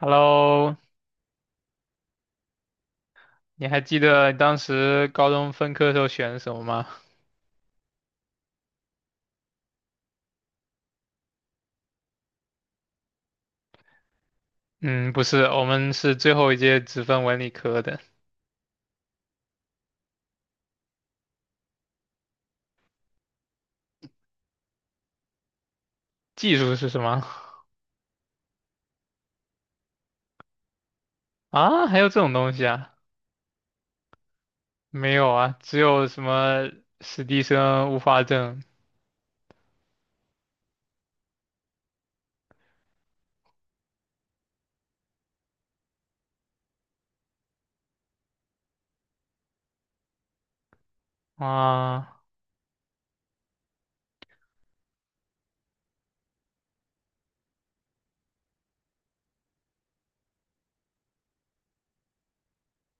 Hello，你还记得当时高中分科时候选什么吗？嗯，不是，我们是最后一届只分文理科的。技术是什么？啊，还有这种东西啊？没有啊，只有什么史蒂生、物化证啊。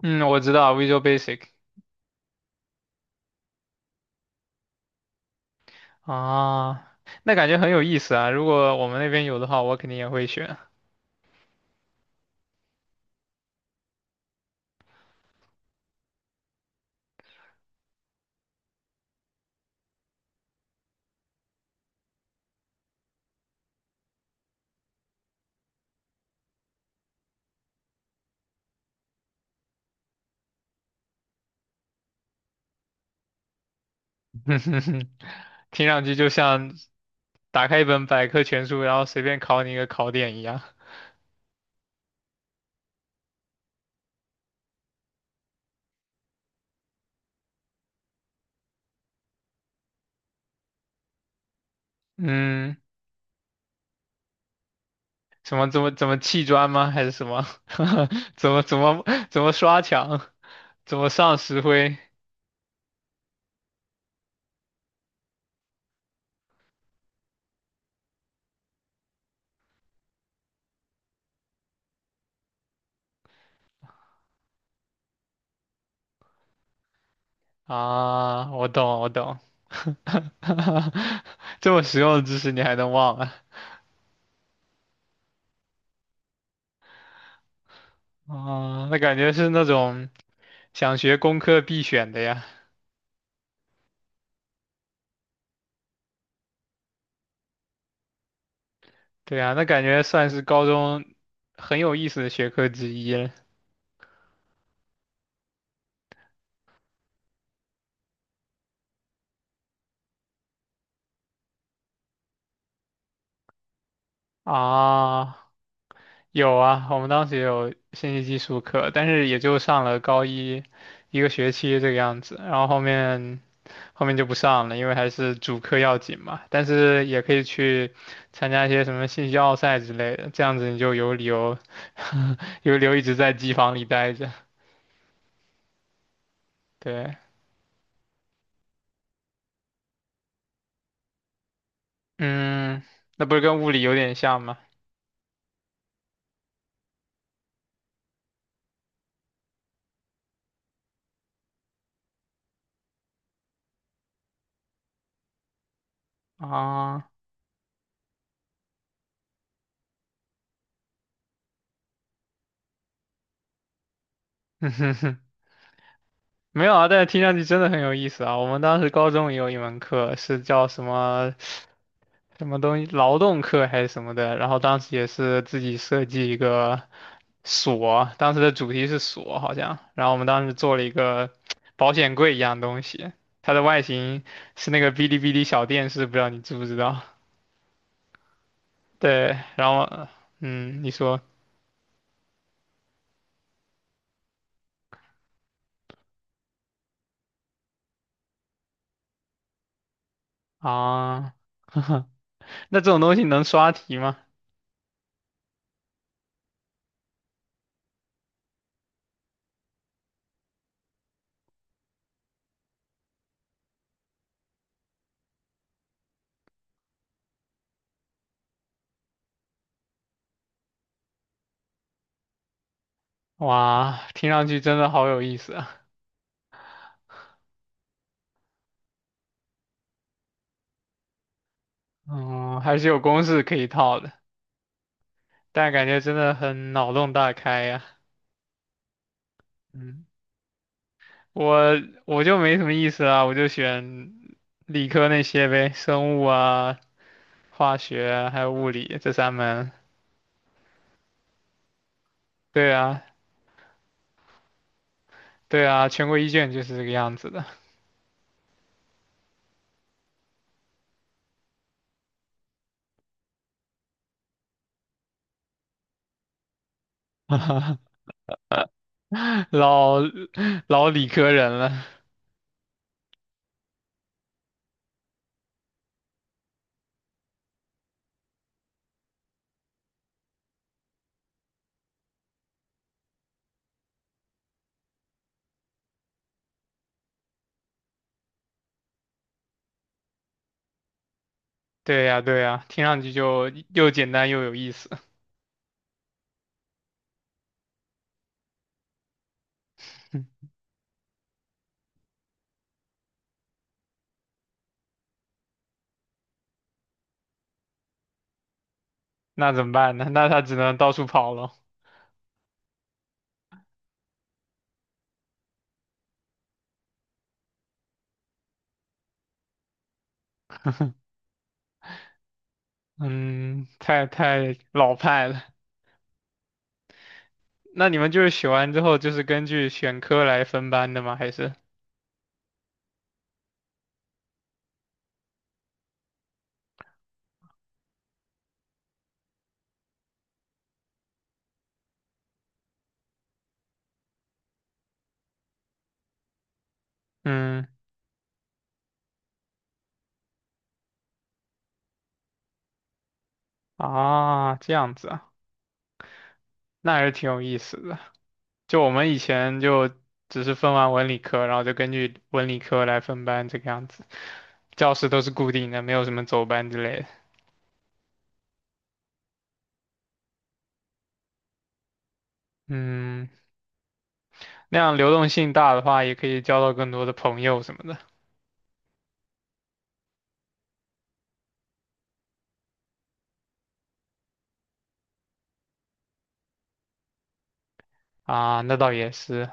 嗯，我知道 Visual Basic。 啊，那感觉很有意思啊。如果我们那边有的话，我肯定也会选。听上去就像打开一本百科全书，然后随便考你一个考点一样。嗯。什么怎么砌砖吗？还是什么？怎么怎么怎么刷墙？怎么上石灰？啊，我懂我懂。这么实用的知识你还能忘啊？啊，那感觉是那种想学工科必选的呀。对啊，那感觉算是高中很有意思的学科之一了啊。有啊，我们当时也有信息技术课，但是也就上了高一一个学期这个样子，然后后面就不上了，因为还是主课要紧嘛。但是也可以去参加一些什么信息奥赛之类的，这样子你就有理由 有理由一直在机房里待着。对，嗯，那不是跟物理有点像吗？啊，嗯哼哼。没有啊，但是听上去真的很有意思啊。我们当时高中也有一门课是叫什么什么东西，劳动课还是什么的，然后当时也是自己设计一个锁，当时的主题是锁好像，然后我们当时做了一个保险柜一样东西，它的外形是那个哔哩哔哩小电视，不知道你知不知道？对，然后嗯，你说啊，那这种东西能刷题吗？哇，听上去真的好有意思啊，嗯，还是有公式可以套的，但感觉真的很脑洞大开呀。嗯。我我就没什么意思啊，我就选理科那些呗，生物啊、化学啊还有物理这三门。对啊，对啊，全国一卷就是这个样子的。老理科人了。对呀，对呀，听上去就又简单又有意思。那怎么办呢？那他只能到处跑了。嗯，太老派了。那你们就是学完之后就是根据选科来分班的吗？还是？嗯。啊，这样子啊，那还是挺有意思的。就我们以前就只是分完文理科，然后就根据文理科来分班这个样子，教室都是固定的，没有什么走班之类的。嗯，那样流动性大的话，也可以交到更多的朋友什么的。啊，那倒也是。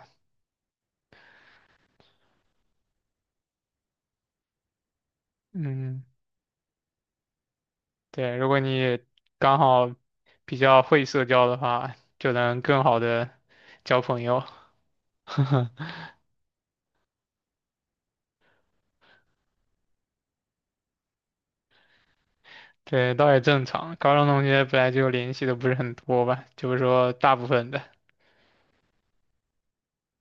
嗯，对，如果你刚好比较会社交的话，就能更好的交朋友。对，倒也正常。高中同学本来就联系的不是很多吧，就是说大部分的。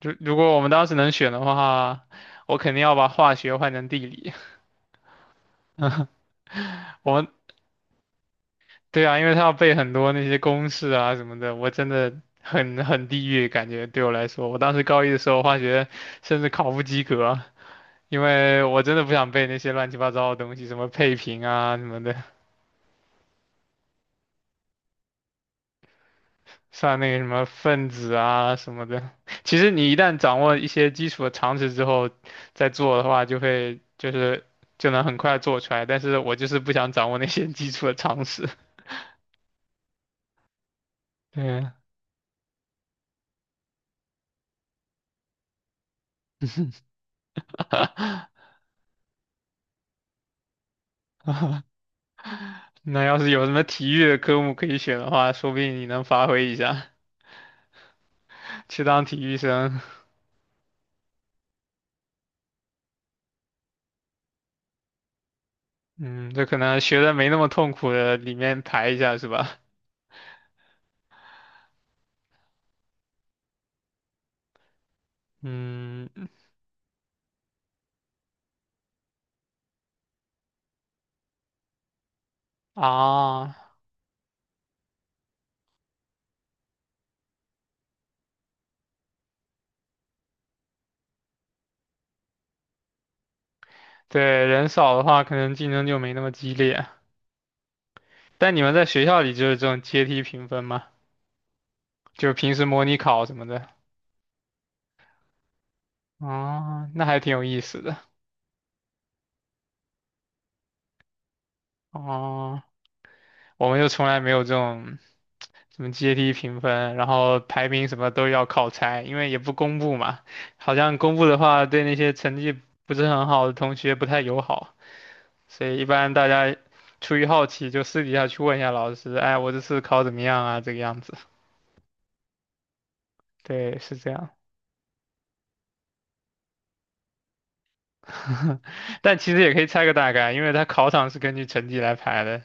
如果我们当时能选的话，我肯定要把化学换成地理。我们对啊，因为他要背很多那些公式啊什么的，我真的很地狱，感觉对我来说，我当时高一的时候化学甚至考不及格啊，因为我真的不想背那些乱七八糟的东西，什么配平啊什么的。算那个什么分子啊什么的。其实你一旦掌握一些基础的常识之后，再做的话，就会就是就能很快做出来。但是我就是不想掌握那些基础的常识。对。那要是有什么体育的科目可以选的话，说不定你能发挥一下，去当体育生。嗯，这可能学的没那么痛苦的里面排一下是吧？嗯，啊，对，人少的话，可能竞争就没那么激烈。但你们在学校里就是这种阶梯评分吗？就是平时模拟考什么的？哦，那还挺有意思的。哦，我们就从来没有这种什么阶梯评分，然后排名什么都要靠猜，因为也不公布嘛。好像公布的话，对那些成绩不是很好的同学不太友好，所以一般大家出于好奇就私底下去问一下老师，哎，我这次考怎么样啊？这个样子。对，是这样。但其实也可以猜个大概，因为他考场是根据成绩来排的。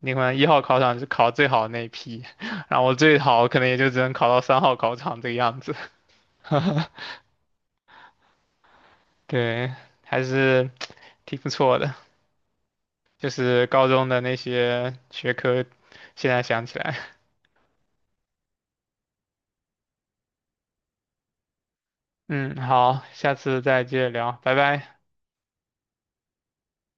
你可能一号考场是考最好的那一批，然后我最好可能也就只能考到三号考场这个样子。对，还是挺不错的。就是高中的那些学科，现在想起来，嗯，好，下次再接着聊，拜拜。